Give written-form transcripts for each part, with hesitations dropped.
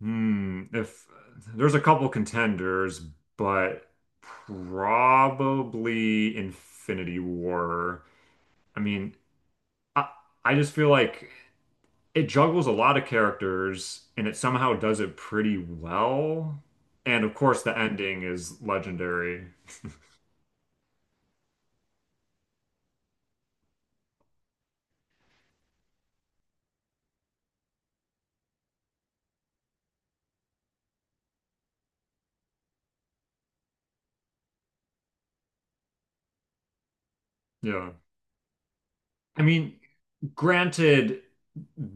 Hmm. If there's a couple contenders, but probably Infinity War. I mean, I I just feel like it juggles a lot of characters and it somehow does it pretty well. And of course, the ending is legendary. Yeah. I mean, granted,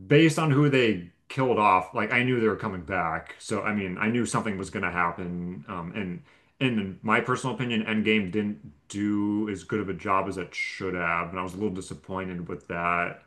based on who they killed off, like I knew they were coming back. So I mean, I knew something was going to happen. And in my personal opinion, Endgame didn't do as good of a job as it should have, and I was a little disappointed with that.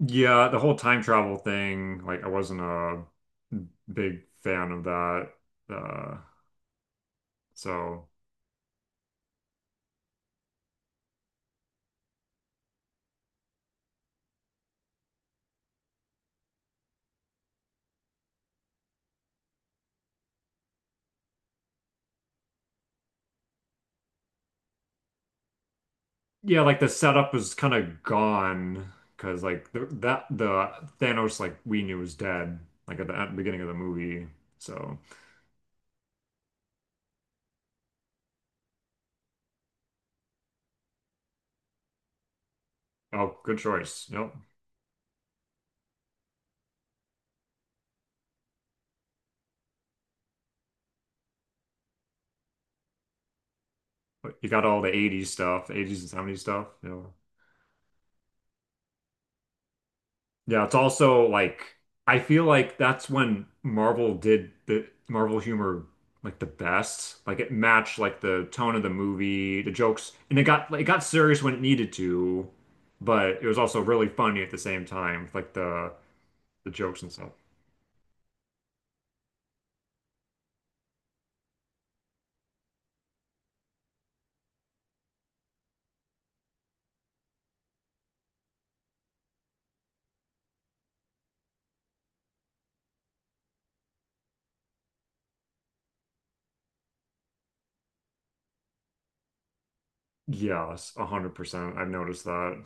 Yeah, the whole time travel thing, like I wasn't a big fan of that. Uh, so. Yeah, like the setup was kind of gone because like the, that the Thanos like we knew was dead like at the beginning of the movie. So. Oh, good choice. Yep, but you got all the '80s stuff, '80s and '70s stuff. Yeah. It's also like I feel like that's when Marvel did the Marvel humor like the best. Like it matched like the tone of the movie, the jokes, and it got like, it got serious when it needed to, but it was also really funny at the same time. Like the jokes and stuff. Yes, 100%. I've noticed that.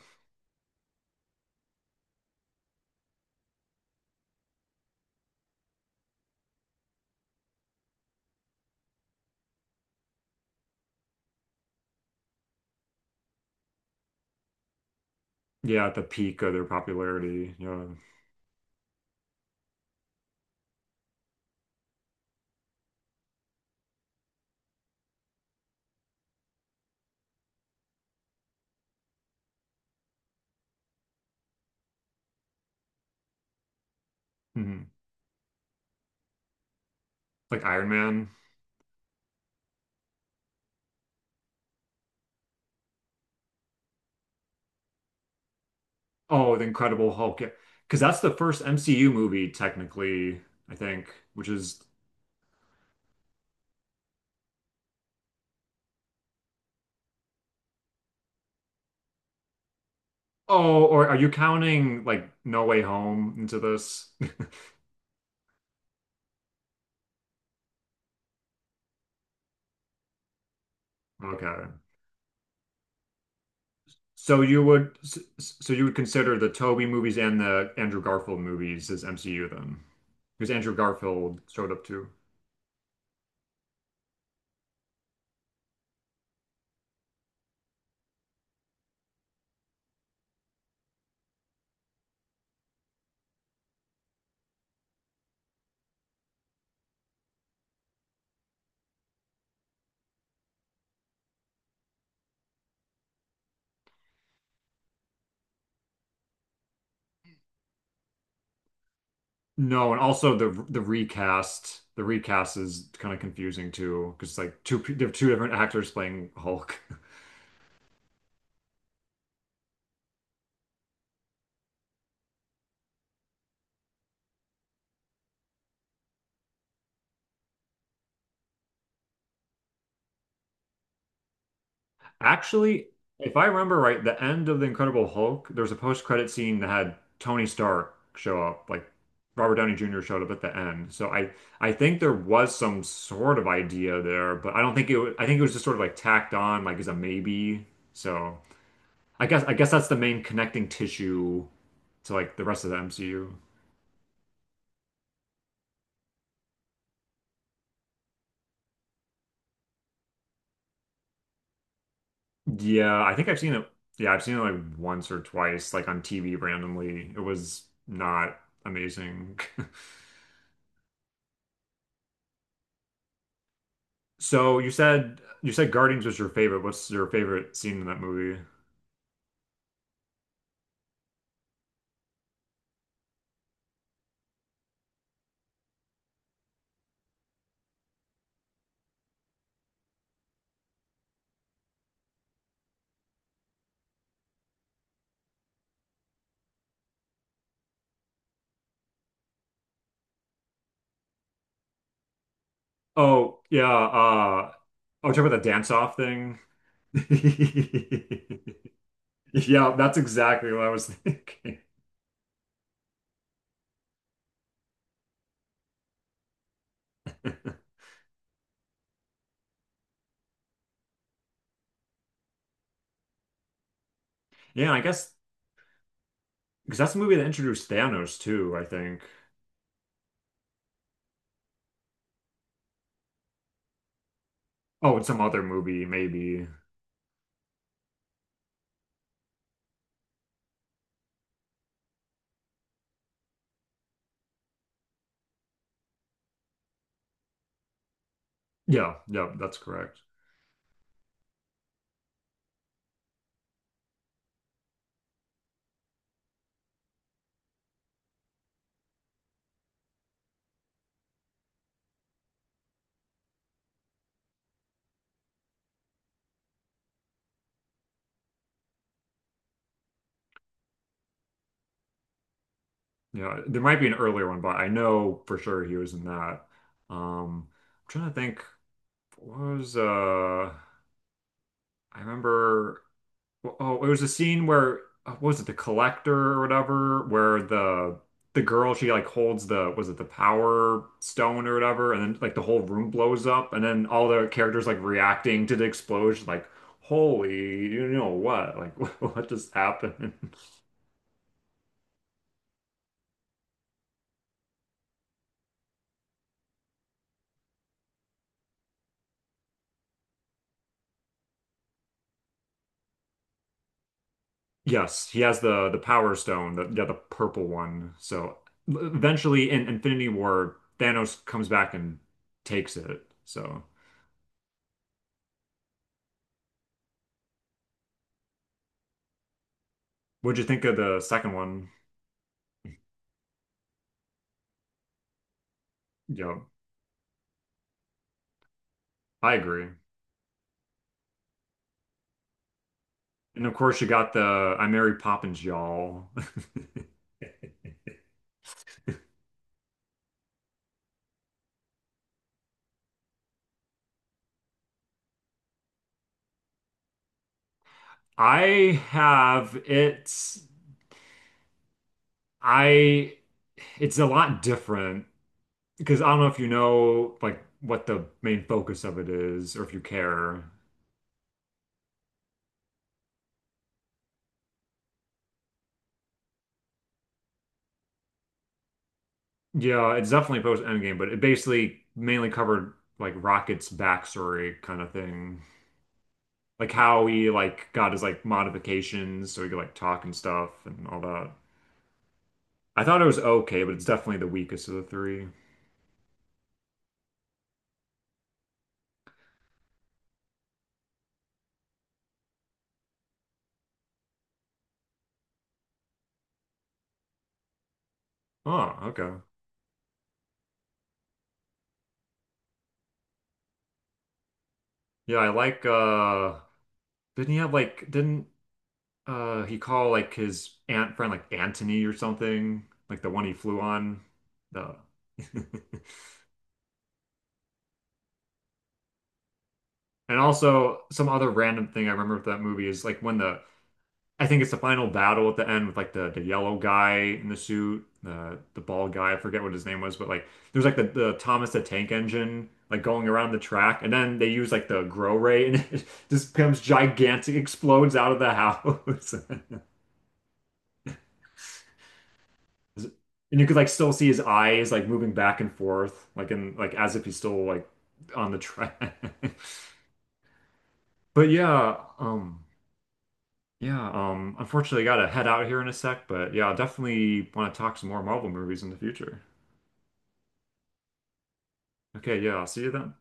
Yeah, at the peak of their popularity. Yeah. Hmm. Like Iron Man. Oh, the Incredible Hulk. Yeah. Because that's the first MCU movie, technically, I think, which is. Oh, or are you counting like No Way Home into this? Okay. So you would consider the Tobey movies and the Andrew Garfield movies as MCU then? Because Andrew Garfield showed up too. No, and also the recast is kind of confusing too, because it's like there are two different actors playing Hulk. Actually, if I remember right, the end of The Incredible Hulk, there was a post-credit scene that had Tony Stark show up, like Robert Downey Jr. showed up at the end. So I think there was some sort of idea there, but I don't think it was, I think it was just sort of like tacked on, like as a maybe. So I guess that's the main connecting tissue to like the rest of the MCU. Yeah, I think I've seen it. Yeah, I've seen it like once or twice, like on TV randomly. It was not amazing. So you said Guardians was your favorite. What's your favorite scene in that movie? Oh, yeah, oh, talk about the dance off thing. Yeah, that's exactly what I was thinking. Yeah, I guess because that's the movie that introduced Thanos too, I think. Oh, in some other movie, maybe. Yeah, yeah, that's correct. You know, there might be an earlier one, but I know for sure he was in that. I'm trying to think, what was I remember, oh, it was a scene where, what was it, the collector or whatever, where the girl, she like holds the, was it the Power Stone or whatever, and then like the whole room blows up and then all the characters like reacting to the explosion like, holy, you know what, like, what just happened. Yes, he has the Power Stone, the, yeah, the purple one. So eventually in Infinity War, Thanos comes back and takes it. So what'd you think of the second one? Yeah, I agree. And of course you got the, I Mary Poppins, y'all. I have it's I it's a lot different because I don't know if you know like what the main focus of it is or if you care. Yeah, it's definitely post Endgame, but it basically mainly covered like Rocket's backstory kind of thing. Like how he like got his like modifications so he could like talk and stuff and all that. I thought it was okay, but it's definitely the weakest of the three. Oh, okay. Yeah, I like, didn't he have like, didn't he call like his aunt friend like Anthony or something? Like the one he flew on? The. And also some other random thing I remember with that movie is like when the I think it's the final battle at the end with like the yellow guy in the suit, the bald guy. I forget what his name was, but like there's like the Thomas the Tank Engine like going around the track, and then they use like the grow ray, and it just becomes gigantic, explodes out of the house, and you could like still see his eyes like moving back and forth, like in like as if he's still like on the track. But yeah, yeah, unfortunately, I gotta head out here in a sec. But yeah, I definitely want to talk some more Marvel movies in the future. Okay, yeah, I'll see you then.